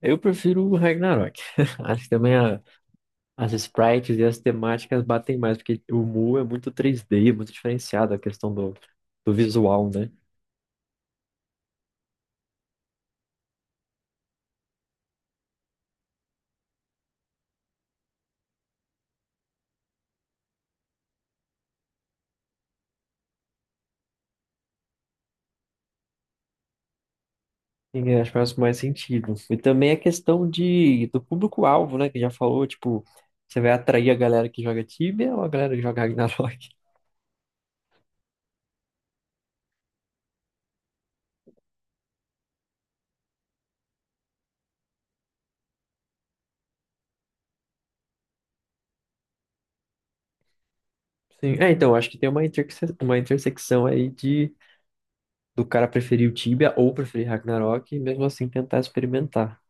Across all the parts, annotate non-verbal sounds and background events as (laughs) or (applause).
Eu prefiro o Ragnarok. (laughs) Acho que também as sprites e as temáticas batem mais, porque o Mu é muito 3D, é muito diferenciado a questão do visual, né? E acho que faz mais sentido. E também a questão do público-alvo, né? Que já falou, tipo, você vai atrair a galera que joga Tibia ou a galera que joga Ragnarok? (laughs) Sim. É, então, acho que tem uma, interse uma intersecção aí de do cara preferir o Tibia ou preferir Ragnarok e mesmo assim tentar experimentar.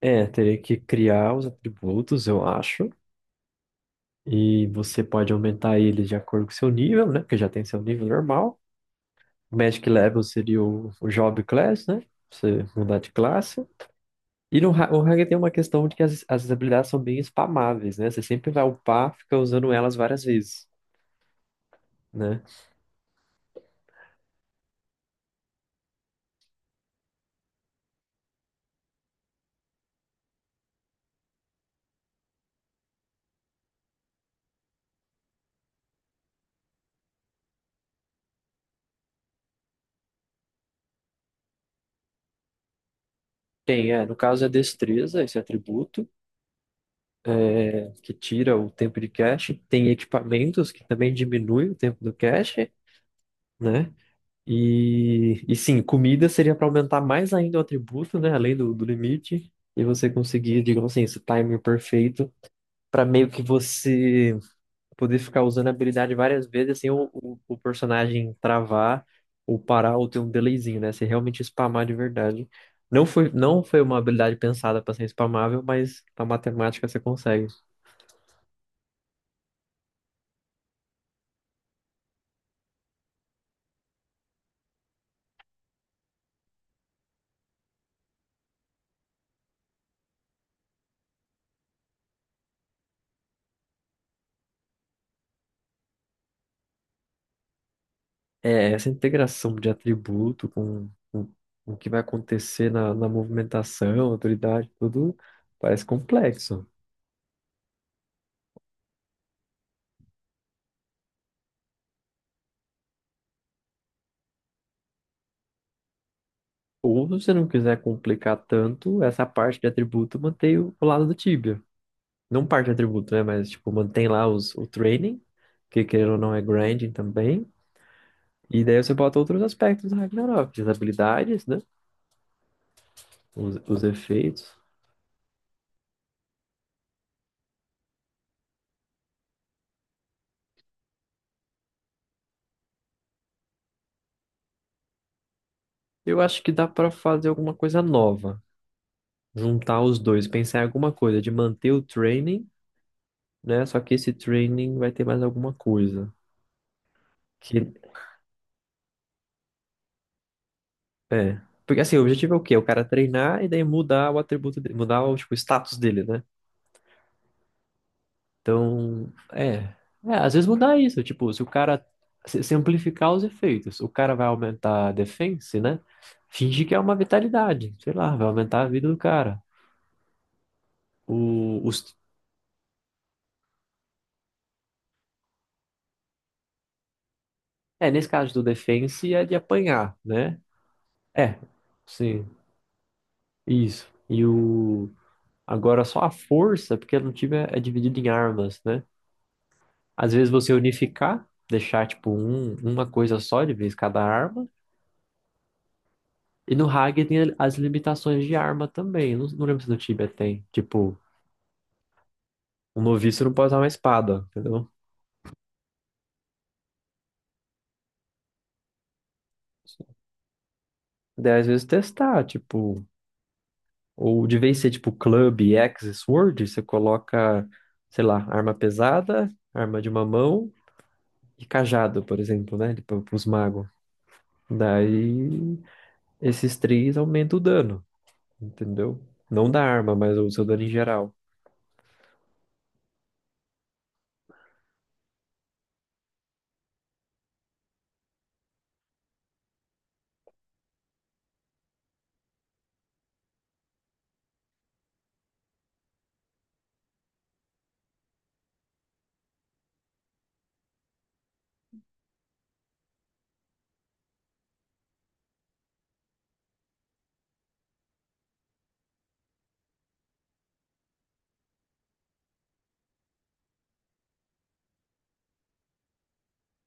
É, teria que criar os atributos, eu acho. E você pode aumentar ele de acordo com seu nível, né? Porque já tem seu nível normal. O Magic Level seria o Job Class, né? Você mudar de classe. E no, o Ranger tem uma questão de que as habilidades são bem spamáveis, né? Você sempre vai upar, fica usando elas várias vezes, né? Tem, é, no caso é destreza, esse atributo, é, que tira o tempo de cache. Tem equipamentos, que também diminui o tempo do cache, né? E sim, comida seria para aumentar mais ainda o atributo, né? Além do limite. E você conseguir, digamos assim, esse timer perfeito para meio que você poder ficar usando a habilidade várias vezes sem o personagem travar ou parar ou ter um delayzinho, né? Você realmente spamar de verdade. Não foi uma habilidade pensada para ser spamável, mas a matemática você consegue. É essa integração de atributo com com o que vai acontecer na movimentação, autoridade, tudo parece complexo. Ou se você não quiser complicar tanto, essa parte de atributo mantém o lado do Tibia. Não parte de atributo, né? Mas tipo, mantém lá o training, que querendo ou não é grinding também. E daí você bota outros aspectos do Ragnarok, as habilidades, né? Os efeitos. Eu acho que dá pra fazer alguma coisa nova. Juntar os dois, pensar em alguma coisa de manter o training, né? Só que esse training vai ter mais alguma coisa. Que é. Porque assim, o objetivo é o quê? O cara treinar e daí mudar o atributo dele, mudar o, tipo, o status dele, né? Então, é. É, às vezes mudar isso, tipo, se o cara se amplificar os efeitos, o cara vai aumentar a defense, né? Fingir que é uma vitalidade, sei lá, vai aumentar a vida do cara. O, os, é, nesse caso do defense é de apanhar, né? É, sim, isso. E o agora, só a força, porque no time é dividido em armas, né? Às vezes você unificar, deixar tipo um, uma coisa só de vez cada arma. E no Hag tem as limitações de arma também. Não lembro se no Tibia tem. Tipo, um noviço não pode usar uma espada, entendeu? Daí às vezes testar, tipo, ou de vez ser tipo club, axe, sword, você coloca, sei lá, arma pesada, arma de uma mão e cajado, por exemplo, né? Para os magos. Daí esses três aumentam o dano, entendeu? Não da arma, mas o seu dano em geral.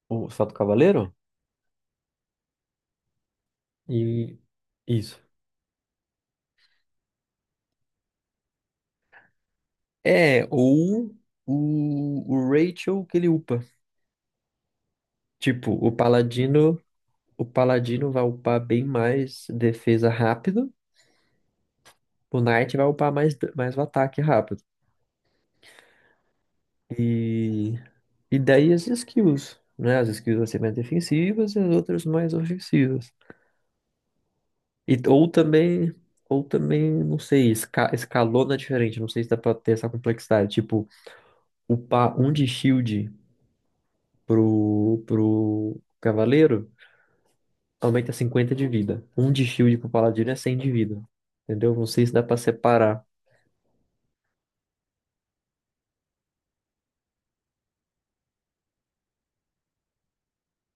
O Salto Cavaleiro? E isso. É, ou o Rachel que ele upa. Tipo, o paladino vai upar bem mais defesa rápido, o knight vai upar mais o ataque rápido. E, e daí as skills, né? As skills vão ser mais defensivas e as outras mais ofensivas. E, ou também, ou também, não sei, escalona diferente, não sei se dá pra ter essa complexidade, tipo upar um de shield pro cavaleiro aumenta 50 de vida. Um de shield pro paladino é 100 de vida. Entendeu? Não sei se dá pra separar.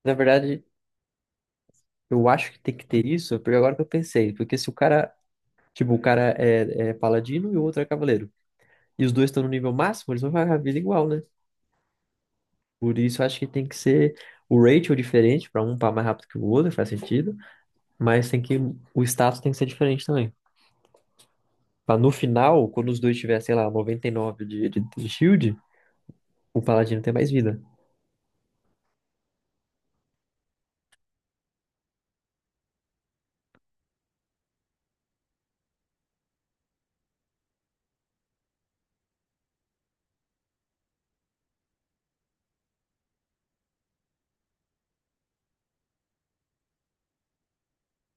Na verdade, eu acho que tem que ter isso, porque agora que eu pensei, porque se o cara, tipo, o cara é paladino e o outro é cavaleiro, e os dois estão no nível máximo, eles vão ficar com a vida igual, né? Por isso, eu acho que tem que ser o ratio diferente, pra um upar mais rápido que o outro, faz sentido, mas tem que, o status tem que ser diferente também. Pra no final, quando os dois tiverem, sei lá, 99 de shield, o paladino tem mais vida.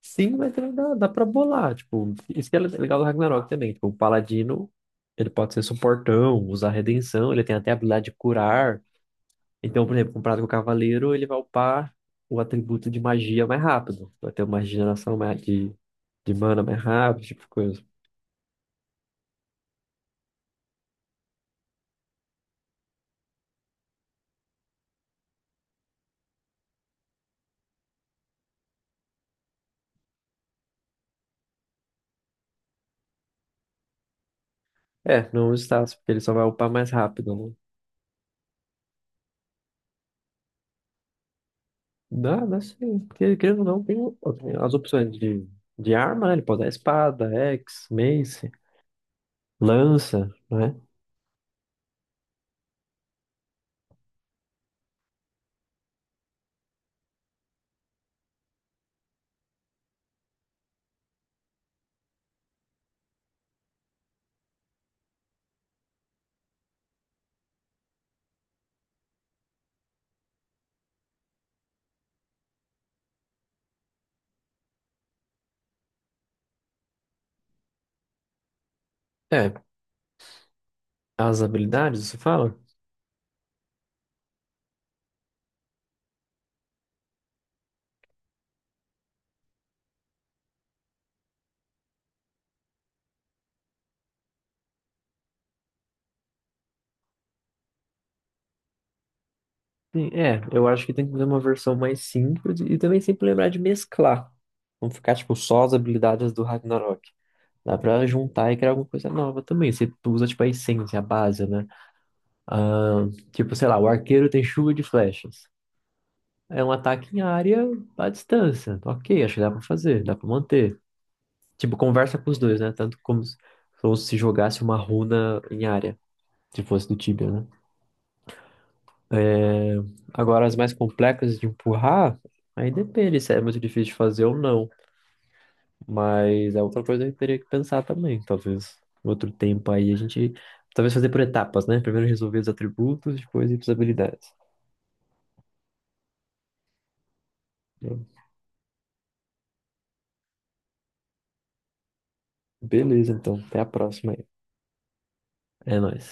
Sim, mas também dá pra bolar, tipo, isso que é legal do Ragnarok também, tipo, o paladino, ele pode ser suportão, usar redenção, ele tem até a habilidade de curar. Então, por exemplo, comparado com o cavaleiro, ele vai upar o atributo de magia mais rápido, vai ter uma regeneração mais de mana mais rápido, tipo de coisa. É, não o status, porque ele só vai upar mais rápido, né? Dá, dá sim. Porque, querendo ou não, tem as opções de arma, né? Ele pode dar espada, axe, mace, lança, né? É, as habilidades, você fala? Sim, é, eu acho que tem que fazer uma versão mais simples e também sempre lembrar de mesclar. Não ficar, tipo, só as habilidades do Ragnarok. Dá pra juntar e criar alguma coisa nova também. Você usa, tipo, a essência, a base, né? Ah, tipo, sei lá, o arqueiro tem chuva de flechas. É um ataque em área à distância. Ok, acho que dá pra fazer, dá pra manter. Tipo, conversa com os dois, né? Tanto como se jogasse uma runa em área, se fosse do Tibia, né? É, agora, as mais complexas de empurrar, aí depende se é muito difícil de fazer ou não. Mas é outra coisa que eu teria que pensar também, talvez. Outro tempo aí, a gente... Talvez fazer por etapas, né? Primeiro resolver os atributos, depois ir para as habilidades. Beleza, então. Até a próxima aí. É nóis.